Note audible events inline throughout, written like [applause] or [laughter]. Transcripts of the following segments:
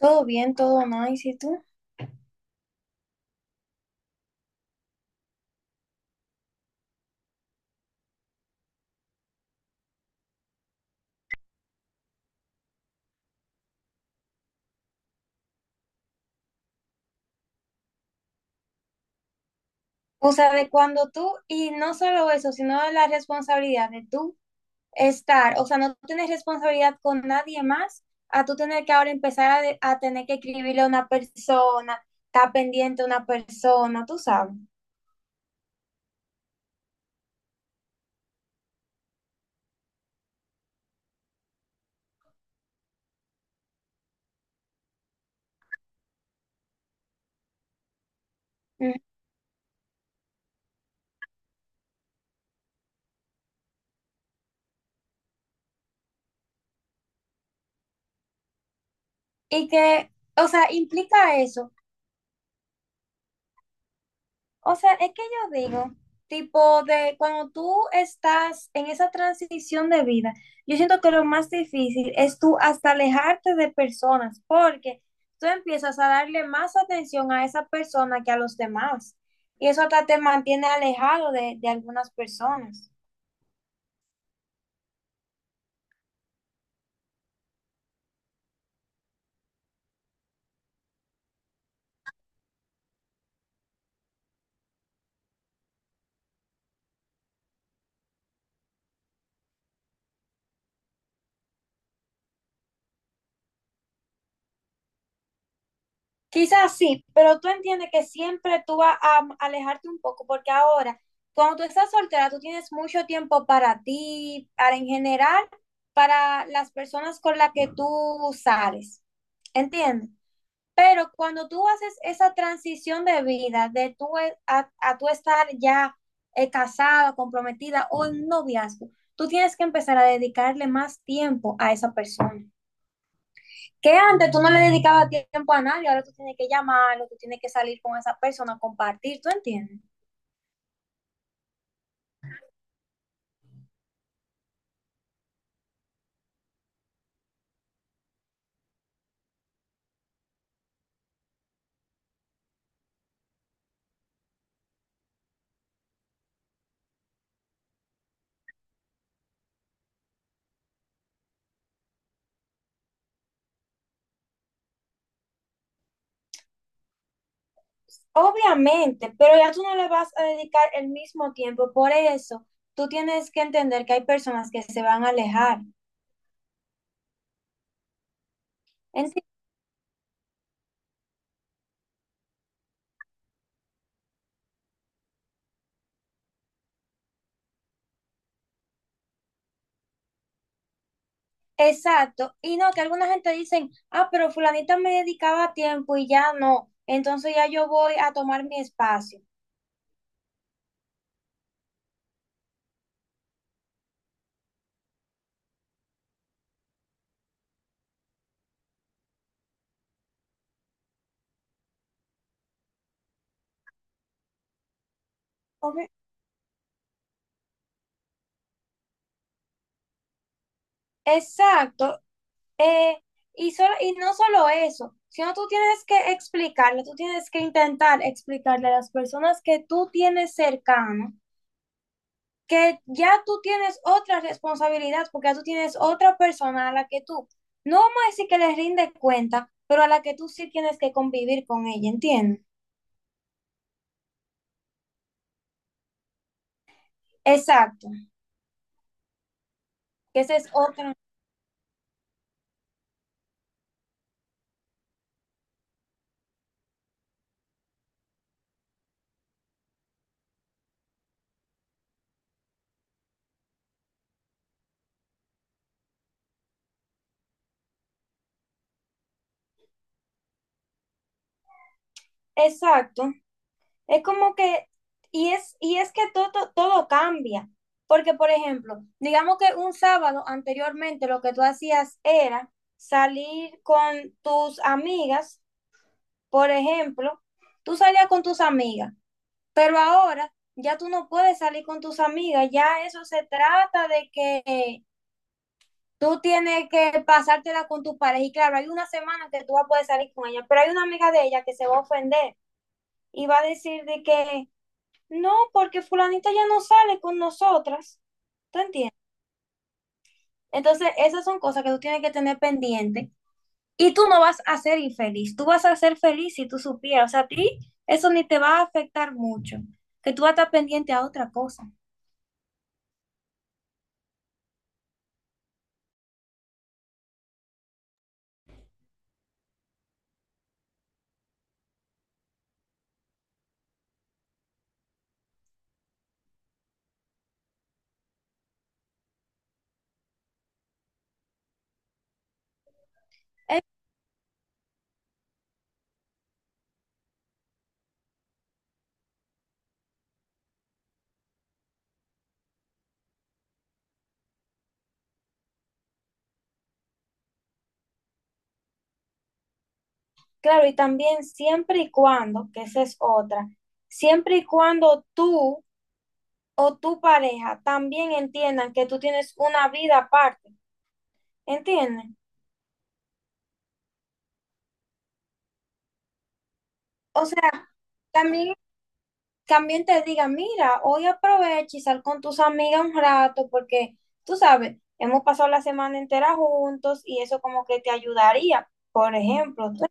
Todo bien, todo nice, ¿y si tú? O sea, de cuando tú, y no solo eso, sino la responsabilidad de tú estar, o sea, no tener responsabilidad con nadie más, a tú tener que ahora empezar a tener que escribirle a una persona, estar pendiente a una persona, tú sabes. Mm. Y que, o sea, implica eso. O sea, es que yo digo, tipo de cuando tú estás en esa transición de vida, yo siento que lo más difícil es tú hasta alejarte de personas, porque tú empiezas a darle más atención a esa persona que a los demás. Y eso hasta te mantiene alejado de algunas personas. Quizás sí, pero tú entiendes que siempre tú vas a alejarte un poco, porque ahora, cuando tú estás soltera, tú tienes mucho tiempo para ti, para en general, para las personas con las que tú sales, ¿entiendes? Pero cuando tú haces esa transición de vida, a tú estar ya casada, comprometida o en un noviazgo, tú tienes que empezar a dedicarle más tiempo a esa persona. Que antes tú no le dedicabas tiempo a nadie, ahora tú tienes que llamarlo, tú tienes que salir con esa persona, compartir, ¿tú entiendes? Obviamente, pero ya tú no le vas a dedicar el mismo tiempo, por eso tú tienes que entender que hay personas que se van a alejar. Enti- Exacto, y no, que alguna gente dicen, ah, pero fulanita me dedicaba tiempo y ya no, entonces ya yo voy a tomar mi espacio. Obvi- Exacto. Eh, y, solo, y no solo eso, sino tú tienes que explicarle, tú tienes que intentar explicarle a las personas que tú tienes cercano que ya tú tienes otra responsabilidad, porque ya tú tienes otra persona a la que tú, no vamos a decir que les rinde cuenta, pero a la que tú sí tienes que convivir con ella, ¿entiendes? Exacto, que ese es otro, exacto. Es como que, y es que todo, todo cambia. Porque, por ejemplo, digamos que un sábado anteriormente lo que tú hacías era salir con tus amigas, por ejemplo, tú salías con tus amigas, pero ahora ya tú no puedes salir con tus amigas, ya eso se trata de que tú tienes que pasártela con tu pareja. Y claro, hay una semana que tú vas a poder salir con ella, pero hay una amiga de ella que se va a ofender y va a decir de que no, porque fulanita ya no sale con nosotras, ¿te entiendes? Entonces, esas son cosas que tú tienes que tener pendiente y tú no vas a ser infeliz, tú vas a ser feliz si tú supieras, o sea, a ti eso ni te va a afectar mucho, que tú vas a estar pendiente a otra cosa. Claro, y también siempre y cuando, que esa es otra, siempre y cuando tú o tu pareja también entiendan que tú tienes una vida aparte, ¿entiendes? O sea, también también te diga, mira, hoy aprovecha y sal con tus amigas un rato porque, tú sabes, hemos pasado la semana entera juntos y eso como que te ayudaría. Por ejemplo, tú-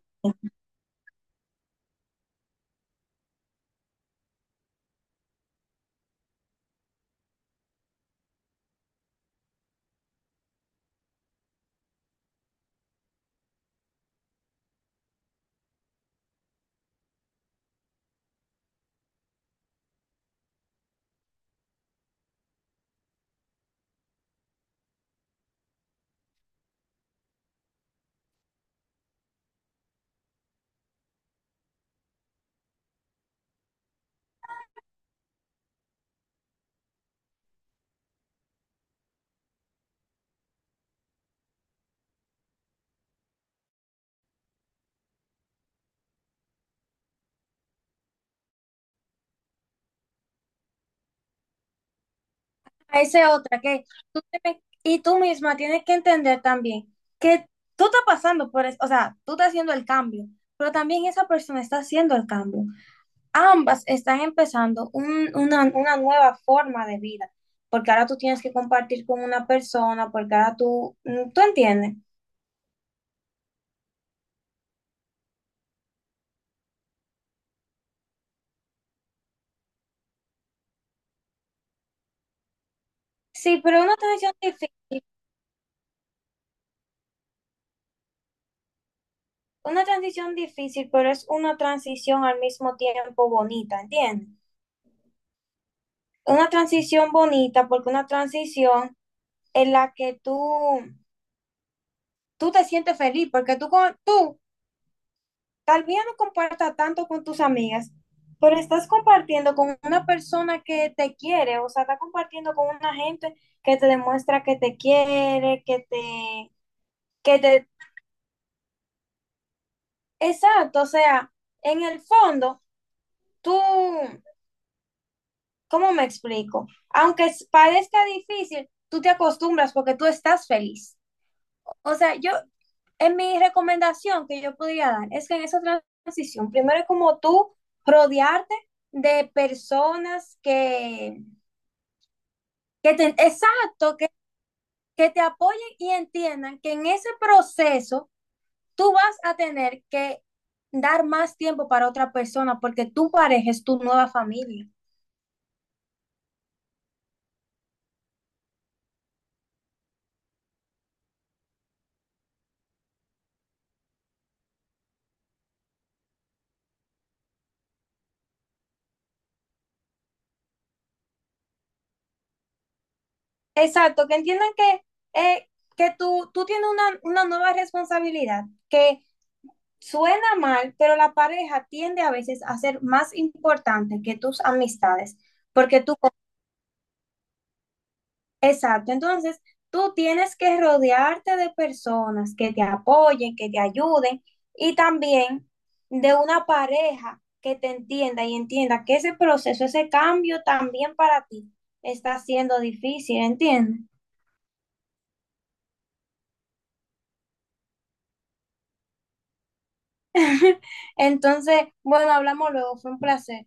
esa es otra que tú tienes- y tú misma tienes que entender también que tú estás pasando por eso, o sea, tú estás haciendo el cambio, pero también esa persona está haciendo el cambio. Ambas están empezando una nueva forma de vida, porque ahora tú tienes que compartir con una persona, porque ahora tú, ¿tú entiendes? Sí, pero una transición difícil, pero es una transición al mismo tiempo bonita, ¿entiendes? Una transición bonita porque una transición en la que tú te sientes feliz, porque tú, con- tú tal vez no compartas tanto con tus amigas, pero estás compartiendo con una persona que te quiere, o sea, estás compartiendo con una gente que te demuestra que te quiere, que te, exacto, o sea, en el fondo tú, ¿cómo me explico? Aunque es- parezca difícil, tú te acostumbras porque tú estás feliz. O sea, yo, en mi recomendación que yo podría dar es que en esa transición, primero es como tú rodearte de personas que te, exacto, que te apoyen y entiendan que en ese proceso tú vas a tener que dar más tiempo para otra persona porque tu pareja es tu nueva familia. Exacto, que entiendan eh, que tú tienes una nueva responsabilidad, que suena mal, pero la pareja tiende a veces a ser más importante que tus amistades, porque tú, exacto, entonces tú tienes que rodearte de personas que te apoyen, que te ayuden y también de una pareja que te entienda y entienda que ese proceso, ese cambio también para ti está siendo difícil, ¿entiendes? [laughs] Entonces, bueno, hablamos luego, fue un placer.